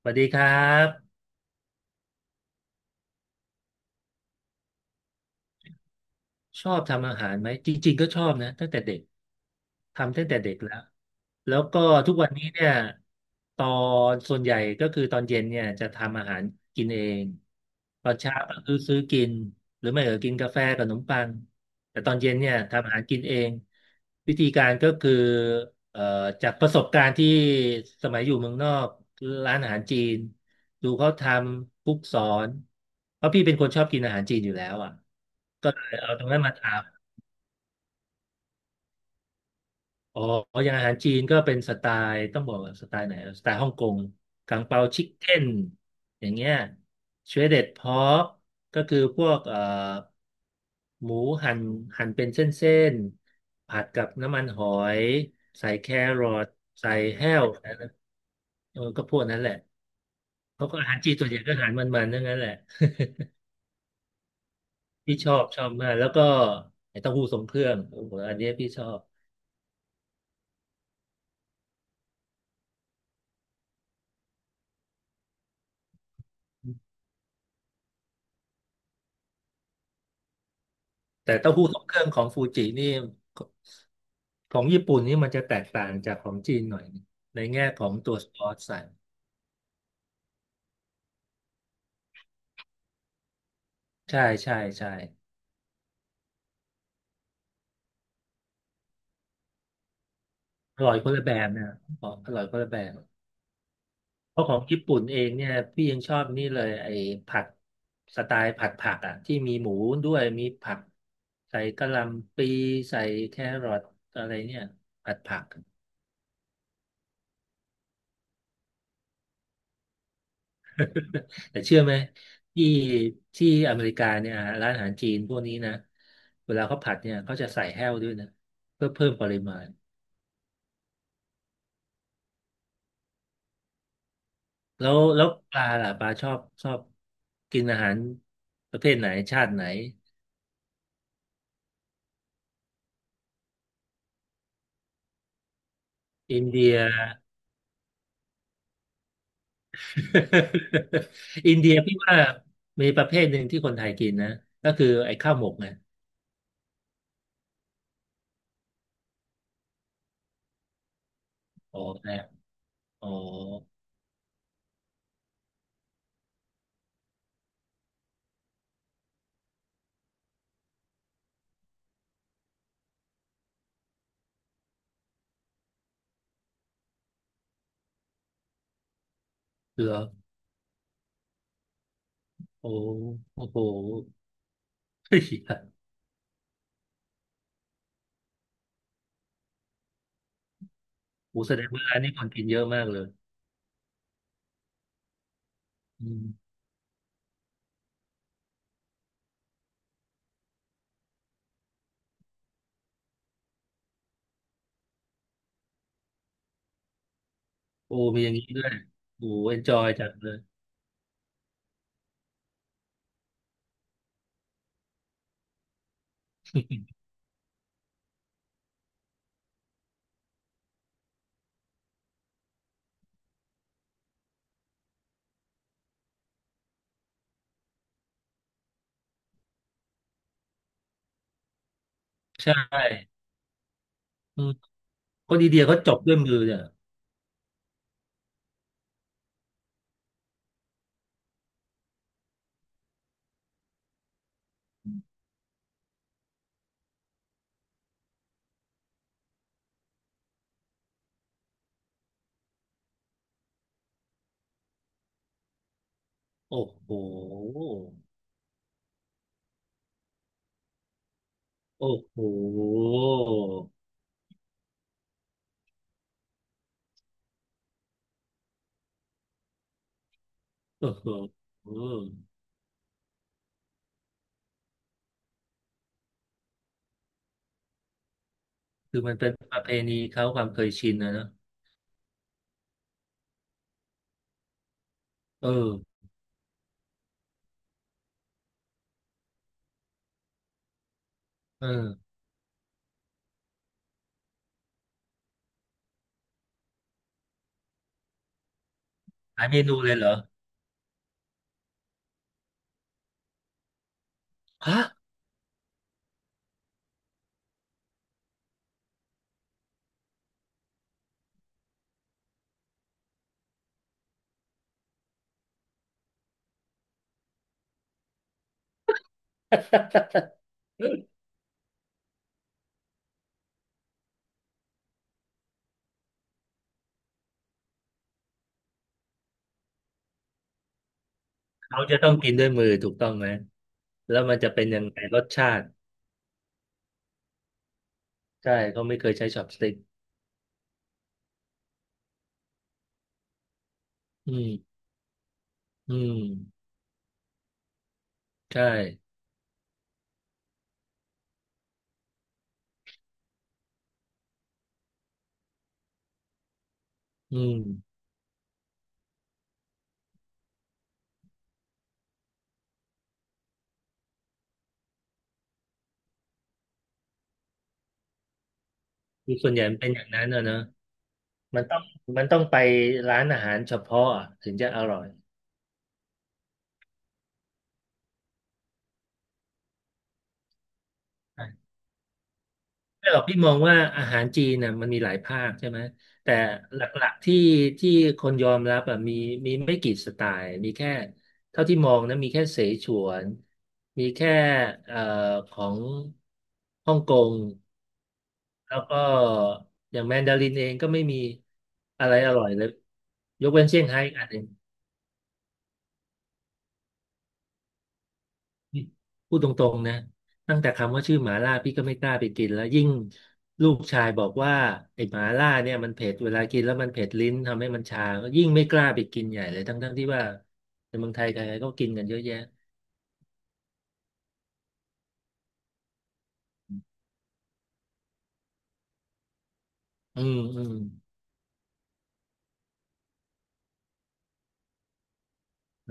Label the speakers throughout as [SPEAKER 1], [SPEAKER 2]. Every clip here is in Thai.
[SPEAKER 1] สวัสดีครับ ชอบทำอาหารไหม จริงๆก็ชอบนะตั้งแต่เด็กทำตั้งแต่เด็กแล้ว แล้วก็ทุกวันนี้เนี่ยตอนส่วนใหญ่ก็คือตอนเย็นเนี่ยจะทำอาหารกินเอง ตอนเช้าก็คือซื้อกินหรือไม่ก็กินกาแฟกับขนมปังแต่ตอนเย็นเนี่ยทำอาหารกินเองวิธีการก็คือเอ่อจากประสบการณ์ที่สมัยอยู่เมืองนอกร้านอาหารจีนดูเขาทำคุกสอนเพราะพี่เป็นคนชอบกินอาหารจีนอยู่แล้วอ่ะ ก็เลยเอาตรงนั้นมาถามอ๋ออย่างอาหารจีนก็เป็นสไตล์ ต้องบอกว่าสไตล์ไหนสไตล์ฮ่องกงกังเปาชิคเก้นอย่างเงี้ยชวเด็ดพอกก็คือพวกหมูหั่นหั่นเป็นเส้นๆผัดกับน้ำมันหอย ใส่แครอทใส่แห้วเออก็พวกนั้นแหละเขาก็อาหารจีนส่วนใหญ่ก็อาหารมันๆทั้งนั้นแหละ พี่ชอบมาก แล้วก็ไอ้เต้าหู้ทรงเครื่องโอ้โหอันเนี้ยพี่ชอบ แต่เต้าหู้ทรงเครื่องของฟูจินี่ของญี่ปุ่นนี่มันจะแตกต่างจากของจีนหน่อยนึงในแง่ของตัวซอสใส่ใช่ใช่ใช่อร่อยคนละแบบนะขอกอร่อยคนละแบบเพราะของญี่ปุ่นเองเนี่ยพี่ยังชอบนี่เลยไอ้ผัดสไตล์ผัดผักอ่ะที่มีหมูด้วยมีผักใส่กะหล่ำปลีใส่แครอทอะไรเนี่ยผัดผัก แต่เชื่อไหมที่ที่อเมริกาเนี่ยอ่ะร้านอาหารจีนพวกนี้นะเวลาเขาผัดเนี่ยเขาจะใส่แห้วด้วยนะเพื่อเพิ่มปริมาณแล้วปลาล่ะปลาชอบกินอาหารประเภทไหนชาติไหนอินเดีย อินเดียพี่ว่ามีประเภทหนึ่งที่คนไทยกินนะก็คือไอ้ข้าวหมกไงอ๋อนะอ๋อเหรอโอ้โอ้โหเฮ้ย โอ้แสดงว่าอันนี้คนกินเยอะมากเลยอืม โอ้มีอย่างนี้ด้วย โอ้เอนจอยจังเลย ใช่อืมคนอินเดียเขาจบด้วยมือเนี่ยโอ้โหโอ้โหโอ้โหคือมันเป็นประเพณีเขาความเคยชินนะเนอะเออเออหลายเมนูเลยเหรอ ฮะเขาจะต้องกินด้วยมือถูกต้องไหม แล้วมันจะเป็นยังไงรสชาติ ใช่เขาไม่เคยใช้ช็อปสติ๊กอืมอืมใช่อืมคือส่วนใหญ่มันเป็นอย่างนั้นนะนะ มันต้องมันต้องไปร้านอาหารเฉพาะอะถึงจะอร่อย่ไม่หรอกพี่มองว่าอาหารจีนน่ะมันมีหลายภาคใช่ไหม แต่หลักๆที่คนยอมรับอ่ะมีไม่กี่สไตล์มีแค่เท่าที่มองนะมีแค่เสฉวน มีแค่เอ่อของฮ่องกงแล้วก็อย่างแมนดารินเองก็ไม่มีอะไรอร่อยเลยยกเว้นเซี่ยงไฮ้กอันหนึ่ง นี่พูดตรงๆนะตั้งแต่คำว่าชื่อหมาล่าพี่ก็ไม่กล้าไปกินแล้วยิ่งลูกชายบอกว่าไอ้หมาล่าเนี่ยมันเผ็ดเวลากินแล้วมันเผ็ดลิ้นทำให้มันชาก็ยิ่งไม่กล้าไปกินใหญ่เลยทั้งๆที่ว่าในเมืองไทยใครๆก็กินกันเยอะแยะอืมอืม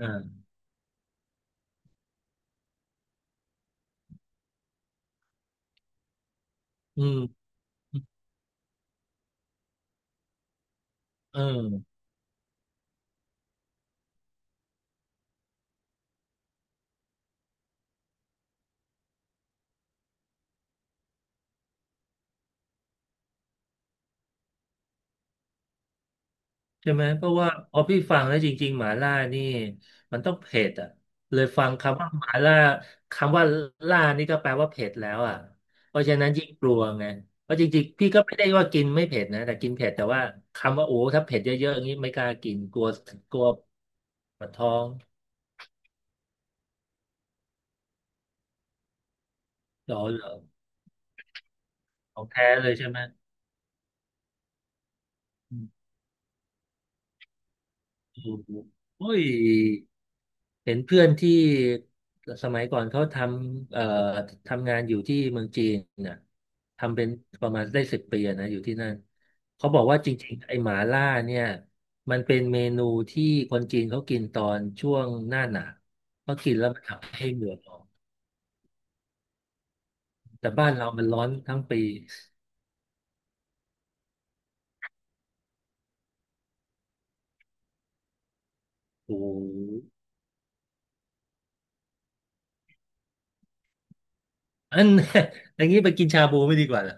[SPEAKER 1] อ่าอืมเออ ใช่ไหมเพราะว่าพอพี่ฟังแล้วจริงๆหมาล่านี่มันต้องเผ็ดอ่ะเลยฟังคำว่าหมาล่าคำว่าล่านี่ก็แปลว่าเผ็ดแล้วอ่ะเพราะฉะนั้นยิ่งกลัวไงเพราะจริงๆพี่ก็ไม่ได้ว่ากินไม่เผ็ดนะแต่กินเผ็ดแต่ว่าคำว่าโอ้ถ้าเผ็ดเยอะๆอย่างนี้ไม่กล้ากินกลัวกลัวปวดท้องหรอเหรอของแท้เลยใช่ไหม โอ้ยเห็นเพื่อนที่สมัยก่อนเขาทำทำงานอยู่ที่เมืองจีนน่ะทำเป็นประมาณได้10 ปีอะนะอยู่ที่นั่นเขาบอกว่าจริงๆไอ้หมาล่าเนี่ยมันเป็นเมนูที่คนจีนเขากินตอนช่วงหน้าหนาวเขากินแล้วมันทำให้เหงื่อออกแต่บ้านเรามันร้อนทั้งปีโอ้โหอัน อย่างนี้ไปกินชาบูไม่ดีกว่าเหรอ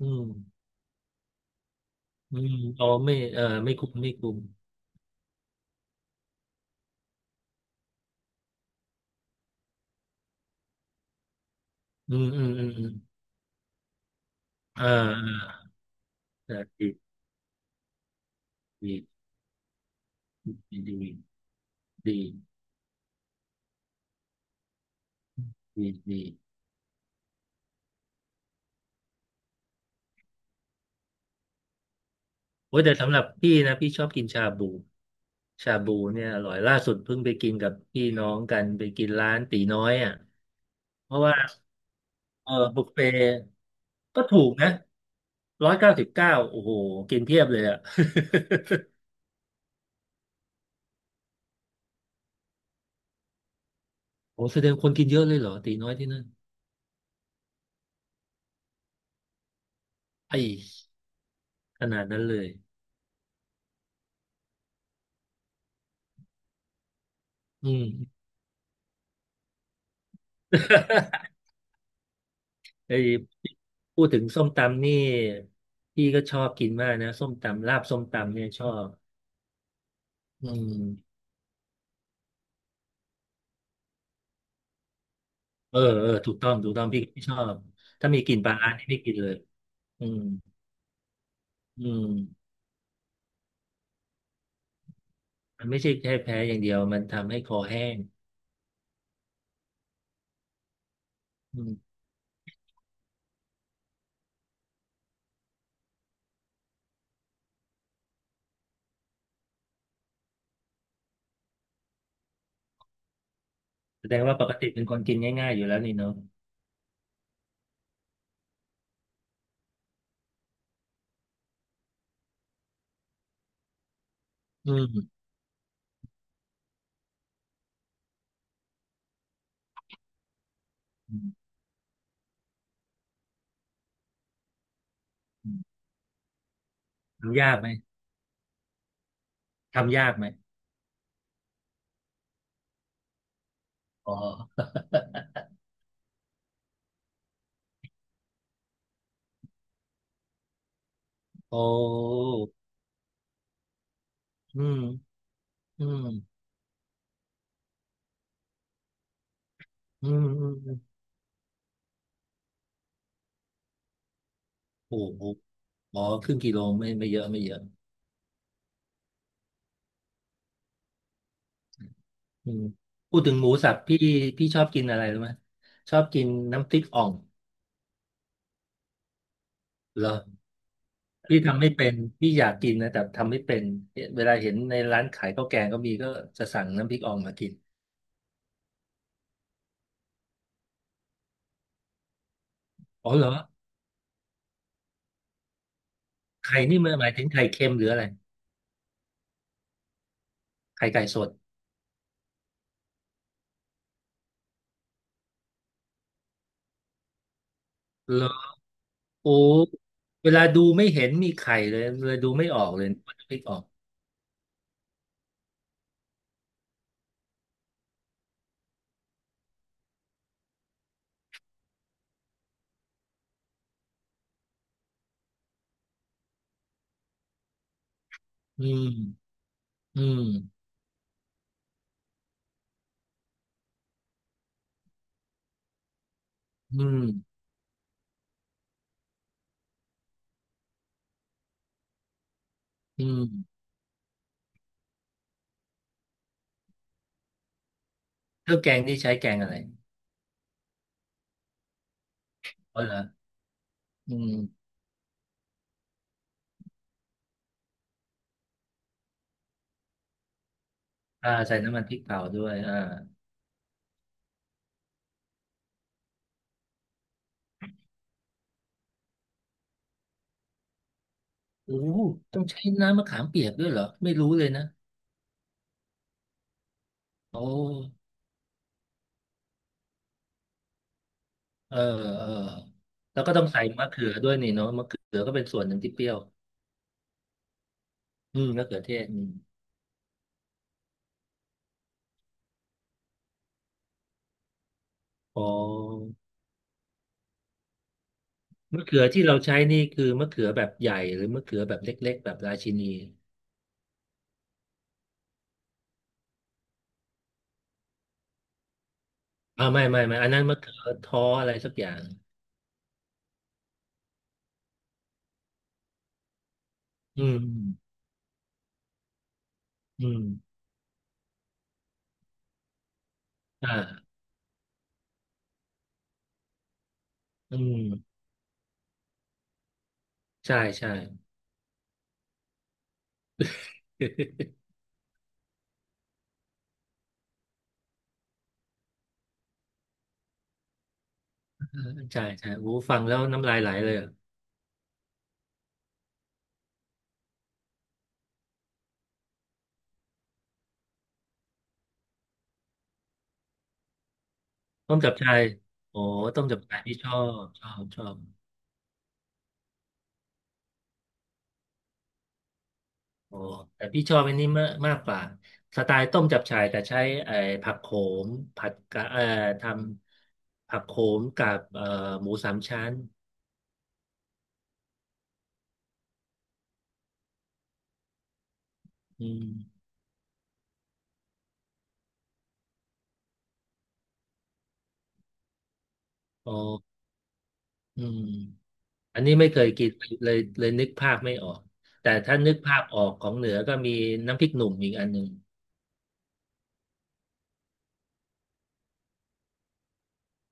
[SPEAKER 1] อืมอืมอ๋อไม่เออไม่คุ้มไม่คุ้มอืมอืมอืม เออเออดีดีดีดีดีดีดีโอ้ยแต่สำหรับพี่นะพี่ชอบกินชาบูชาบูเนี่ยอร่อยล่าสุดเพิ่งไปกินกับพี่น้องกันไปกินร้านตีน้อยอ่ะเพราะว่าเออบุฟเฟ่ต์ก็ถูกนะ199โอ้โหกินเพียบเลยอ่ะ โอ้แสดงคนกินเยอะเลยเหรอตีน้อยที่นั่นไอ้ขนาดนั้นเลยอืม เอ้ยพูดถึงส้มตำนี่พี่ก็ชอบกินมากนะส้มตำลาบส้มตำเนี่ยชอบอืมเออเออถูกต้องถูกต้องพี่ชอบถ้ามีกลิ่นปลาร้านี่ไม่กินเลยอืมอืมมันไม่ใช่แค่แพ้อย่างเดียวมันทำให้คอแห้งอืมแสดงว่าปกติเป็นคนกินง่ายๆอยู่แล้วนี่เนาะอืมอืมอืมทำยากไหมทำยากไหมอ๋อโอ้อืมอืมอืมอืมอืมโอ้โหอ๋อครึ่งกิโลไม่เยอะไม่เยอะ อืมพูดถึงหมูสับพี่ชอบกินอะไรรู้ไหมชอบกินน้ำพริกอ่องเหรอพี่ทำไม่เป็นพี่อยากกินนะแต่ทำไม่เป็นเวลาเห็นในร้านขายข้าวแกงก็มีก็จะสั่งน้ำพริกอ่องมากินอ๋อเหรอไข่นี่มันหมายถึงไข่เค็มหรืออะไรไข่ไก่สดเหรอโอ้เวลาดูไม่เห็นมีไข่เลยเลยดูไม่ออกเลยว่าน้ำพริกอ่องอืมอืมอืมอืมเครื่องแกงนี่ใช้แกงอะไรอ๋อเหรออืมอ่าใส่น้ำมันพริกเผาด้วยอ่า โอ้ต้องใช้น้ำมะขามเปียกด้วยเหรอไม่รู้เลยนะโอ้เออเออแล้วก็ต้องใส่มะเขือด้วยนี่เนาะมะเขือก็เป็นส่วนหนึ่งที่เปรี้ยวอืมมะเขือเทศอืมอ๋อมะเขือที่เราใช้นี่คือมะเขือแบบใหญ่หรือมะเขือแบบเล็กๆแบบราชินีอ่าไม่อันนั้นมะเขือท้ออะไรสักอย่างอืมอืมอ่าอืมใช่ใช่ ใช่ใช่โอ้ฟังแล้วน้ำลายไหลเลยอะต้มจับชายโอ้ต้มจับชายที่ชอบชอบชอบ อ๋อแต่พี่ชอบอันนี้มากมากกว่าสไตล์ต้มจับฉ่ายแต่ใช้ไอ้ผักโขมผัดกะทำผักโขมกับหมูสามชั้นอืมอ๋ออืมอันนี้ไม่เคยกินเลยเลยนึกภาพไม่ออกแต่ถ้านึกภาพออกของเหนือก็มีน้ำพริกหนุ่มอีกอันหนึ่ง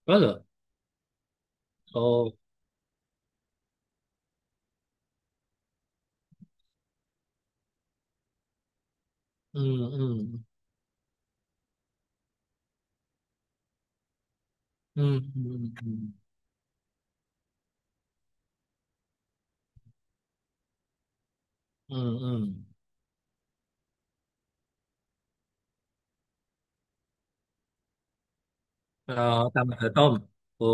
[SPEAKER 1] ก็เหรอโอ้อืมอืมอืมอืมอืมอืมอืมเอ่อตำมะเขือต้มโอ้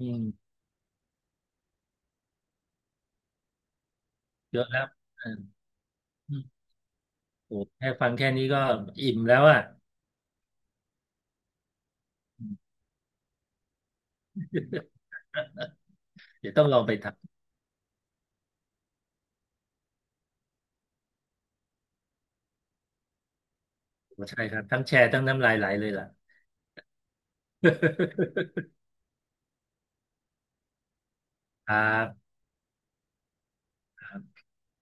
[SPEAKER 1] อืมเยอะแล้วอืม โอ้แค่ฟังแค่นี้ก็อิ่มแล้วอ่ะ เดี๋ยวต้องลองไปทำใช่ครับ ทั้งแชร์ทั้งน้ำลายไหลเลยล่ะ ครับ